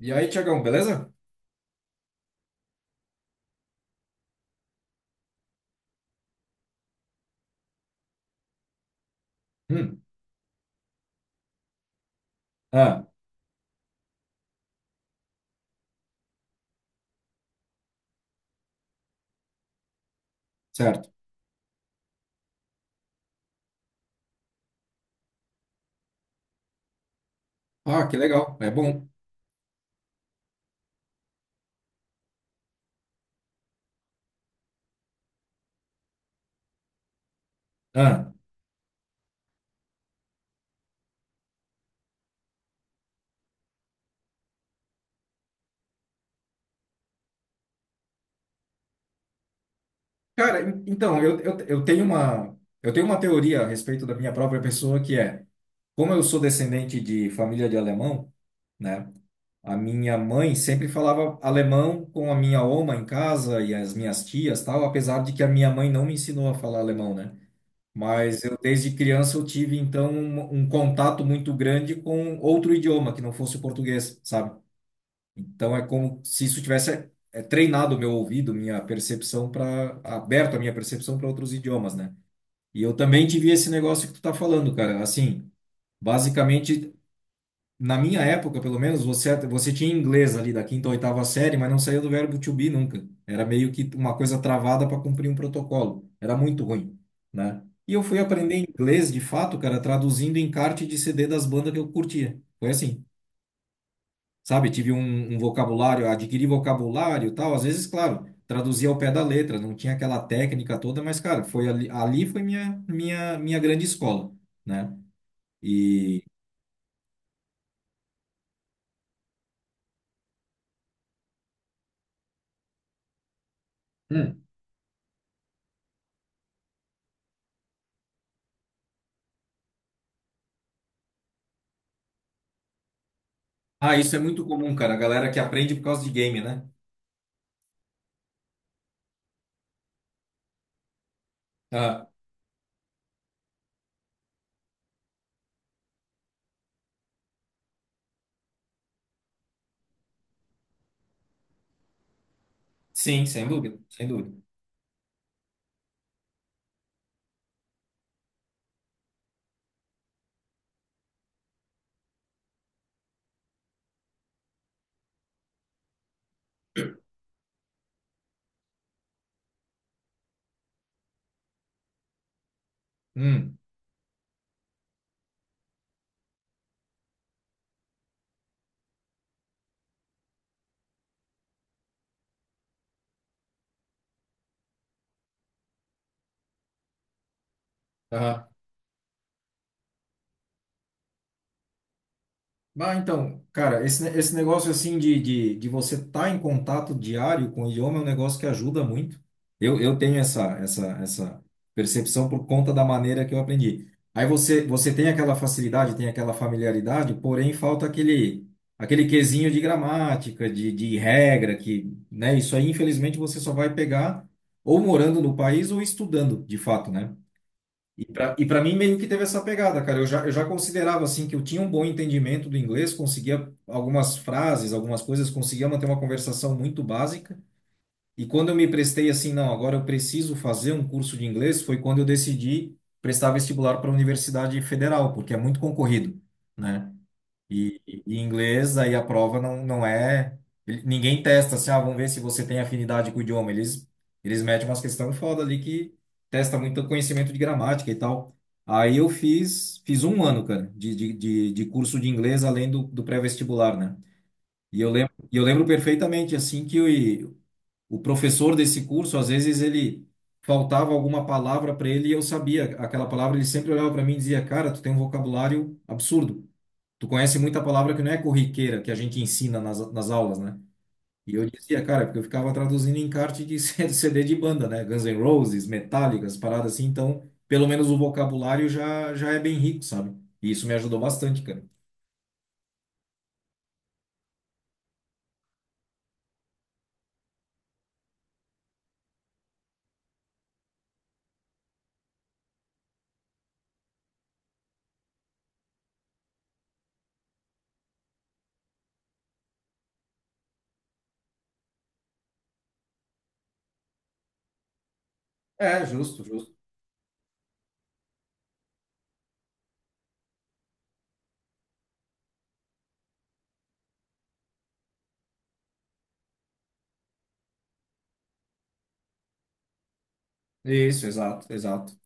E aí, Tiagão, beleza? Hum. Ah, certo. Ah, que legal. É bom. Ah. Cara, então, eu tenho uma, eu tenho uma teoria a respeito da minha própria pessoa, que é, como eu sou descendente de família de alemão, né? A minha mãe sempre falava alemão com a minha oma em casa e as minhas tias, tal, apesar de que a minha mãe não me ensinou a falar alemão, né? Mas eu, desde criança, eu tive, então, um contato muito grande com outro idioma que não fosse o português, sabe? Então é como se isso tivesse treinado o meu ouvido, minha percepção para aberto a minha percepção para outros idiomas, né? E eu também tive esse negócio que tu tá falando, cara. Assim, basicamente na minha época, pelo menos, você tinha inglês ali da quinta ou oitava série, mas não saía do verbo to be nunca. Era meio que uma coisa travada para cumprir um protocolo. Era muito ruim, né? E eu fui aprender inglês de fato, cara, traduzindo encarte de CD das bandas que eu curtia. Foi assim, sabe? Tive um, um vocabulário, adquiri vocabulário e tal. Às vezes, claro, traduzia ao pé da letra, não tinha aquela técnica toda, mas, cara, foi ali, ali foi minha, minha, minha grande escola, né? E. Hum. Ah, isso é muito comum, cara. A galera que aprende por causa de game, né? Ah, sim, sem dúvida, sem dúvida. Hum. Ah, então, cara, esse negócio assim de você estar tá em contato diário com o idioma é um negócio que ajuda muito. Eu tenho essa, essa, essa percepção por conta da maneira que eu aprendi. Aí você, você tem aquela facilidade, tem aquela familiaridade, porém falta aquele, aquele quesinho de gramática, de regra, que, né, isso aí infelizmente você só vai pegar ou morando no país ou estudando, de fato, né? E para mim meio que teve essa pegada, cara. Eu já considerava assim que eu tinha um bom entendimento do inglês, conseguia algumas frases, algumas coisas, conseguia manter uma conversação muito básica. E quando eu me prestei assim, não, agora eu preciso fazer um curso de inglês, foi quando eu decidi prestar vestibular para a Universidade Federal, porque é muito concorrido, né? E inglês, aí a prova não, não é. Ninguém testa assim, ah, vamos ver se você tem afinidade com o idioma. Eles metem umas questões foda ali que testa muito conhecimento de gramática e tal. Aí eu fiz, fiz um ano, cara, de curso de inglês além do, do pré-vestibular, né? E eu lembro perfeitamente, assim, que o, o professor desse curso, às vezes ele faltava alguma palavra para ele e eu sabia aquela palavra, ele sempre olhava para mim e dizia, cara, tu tem um vocabulário absurdo, tu conhece muita palavra que não é corriqueira, que a gente ensina nas, nas aulas, né? E eu dizia, cara, porque eu ficava traduzindo encarte de CD de banda, né? Guns N' Roses, Metallica, as paradas assim, então, pelo menos o vocabulário já, já é bem rico, sabe? E isso me ajudou bastante, cara. É, justo, justo. Isso, exato, exato.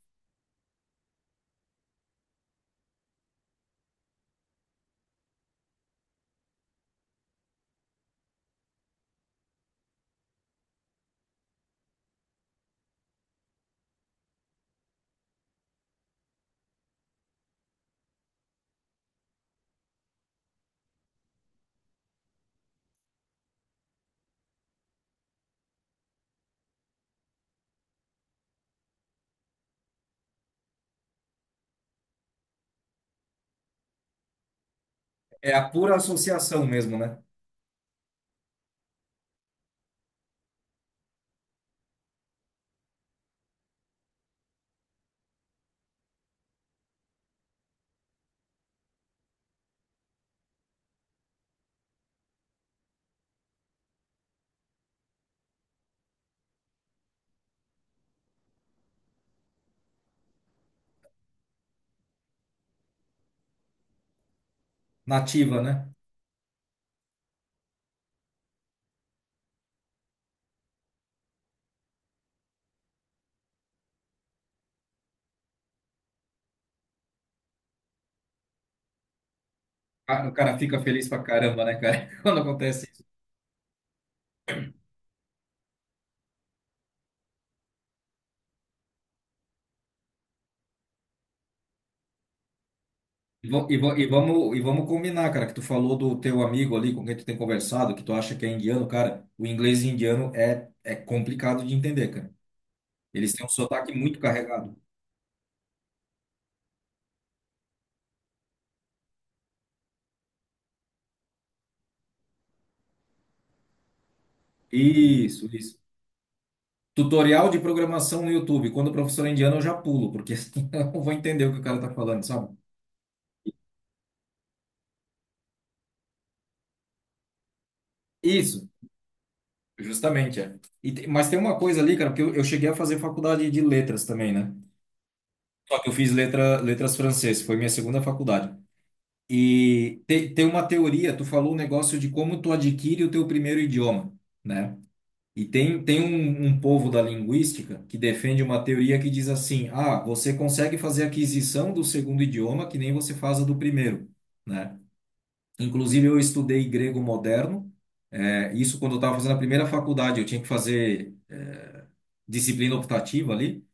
É a pura associação mesmo, né? Nativa, né? Ah, o cara fica feliz pra caramba, né, cara? Quando acontece. E, vamos combinar, cara, que tu falou do teu amigo ali com quem tu tem conversado, que tu acha que é indiano, cara, o inglês indiano é, é complicado de entender, cara. Eles têm um sotaque muito carregado. Isso, isso. Tutorial de programação no YouTube. Quando o professor é indiano, eu já pulo, porque assim, eu não vou entender o que o cara tá falando, sabe? Isso, justamente, é. Mas tem uma coisa ali, cara, porque eu cheguei a fazer faculdade de letras também, né? Só que eu fiz letra, letras francês, foi minha segunda faculdade. Tem uma teoria, tu falou um negócio de como tu adquire o teu primeiro idioma, né? E tem, tem um, um povo da linguística que defende uma teoria que diz assim: ah, você consegue fazer a aquisição do segundo idioma que nem você faz a do primeiro, né? Inclusive, eu estudei grego moderno, isso quando eu estava fazendo a primeira faculdade, eu tinha que fazer disciplina optativa ali,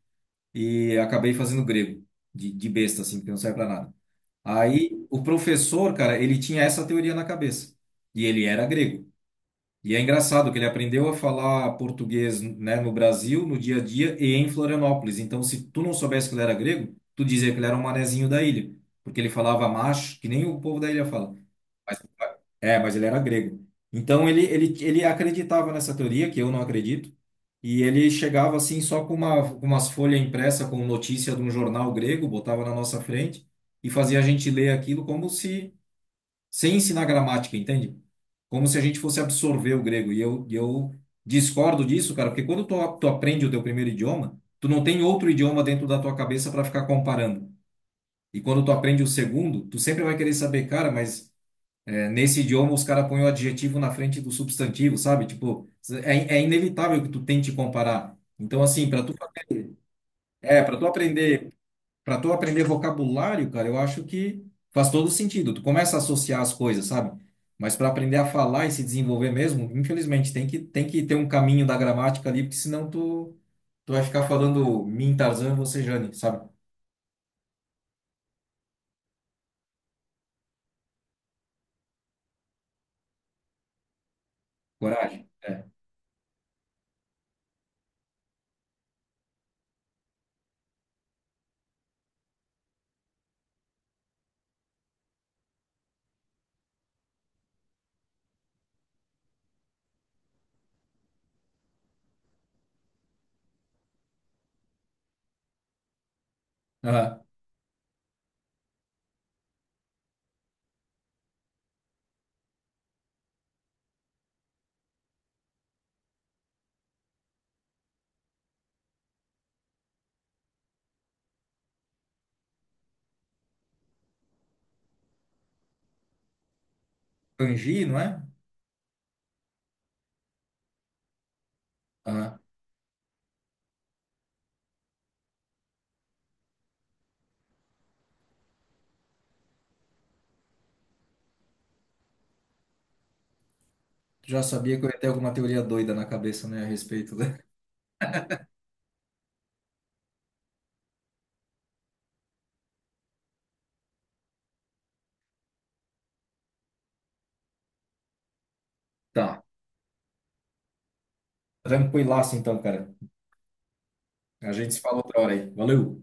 e acabei fazendo grego, de besta, assim, que não serve para nada. Aí o professor, cara, ele tinha essa teoria na cabeça. E ele era grego. E é engraçado que ele aprendeu a falar português, né, no Brasil, no dia a dia e em Florianópolis. Então, se tu não soubesse que ele era grego, tu dizia que ele era um manezinho da ilha, porque ele falava macho, que nem o povo da ilha fala. Mas- é, mas ele era grego. Então ele acreditava nessa teoria, que eu não acredito. E ele chegava assim só com uma, com umas folhas impressas com notícia de um jornal grego, botava na nossa frente e fazia a gente ler aquilo como se, sem ensinar gramática, entende? Como se a gente fosse absorver o grego. E eu discordo disso, cara, porque quando tu, tu aprende o teu primeiro idioma, tu não tem outro idioma dentro da tua cabeça para ficar comparando. E quando tu aprende o segundo, tu sempre vai querer saber, cara, mas é, nesse idioma os caras põem o adjetivo na frente do substantivo, sabe? Tipo, é, é inevitável que tu tente comparar. Então, assim, para tu é, para tu aprender, para tu aprender vocabulário, cara, eu acho que faz todo sentido. Tu começa a associar as coisas, sabe? Mas para aprender a falar e se desenvolver mesmo, infelizmente tem que ter um caminho da gramática ali, porque senão tu vai ficar falando mim, Tarzan, você, Jane, sabe? Coragem. É. Aham. Kanji, não é? Aham. Tu já sabia que eu ia ter alguma teoria doida na cabeça, né, a respeito, né? Tá. Tranquilaço então, cara. A gente se fala outra hora aí. Valeu.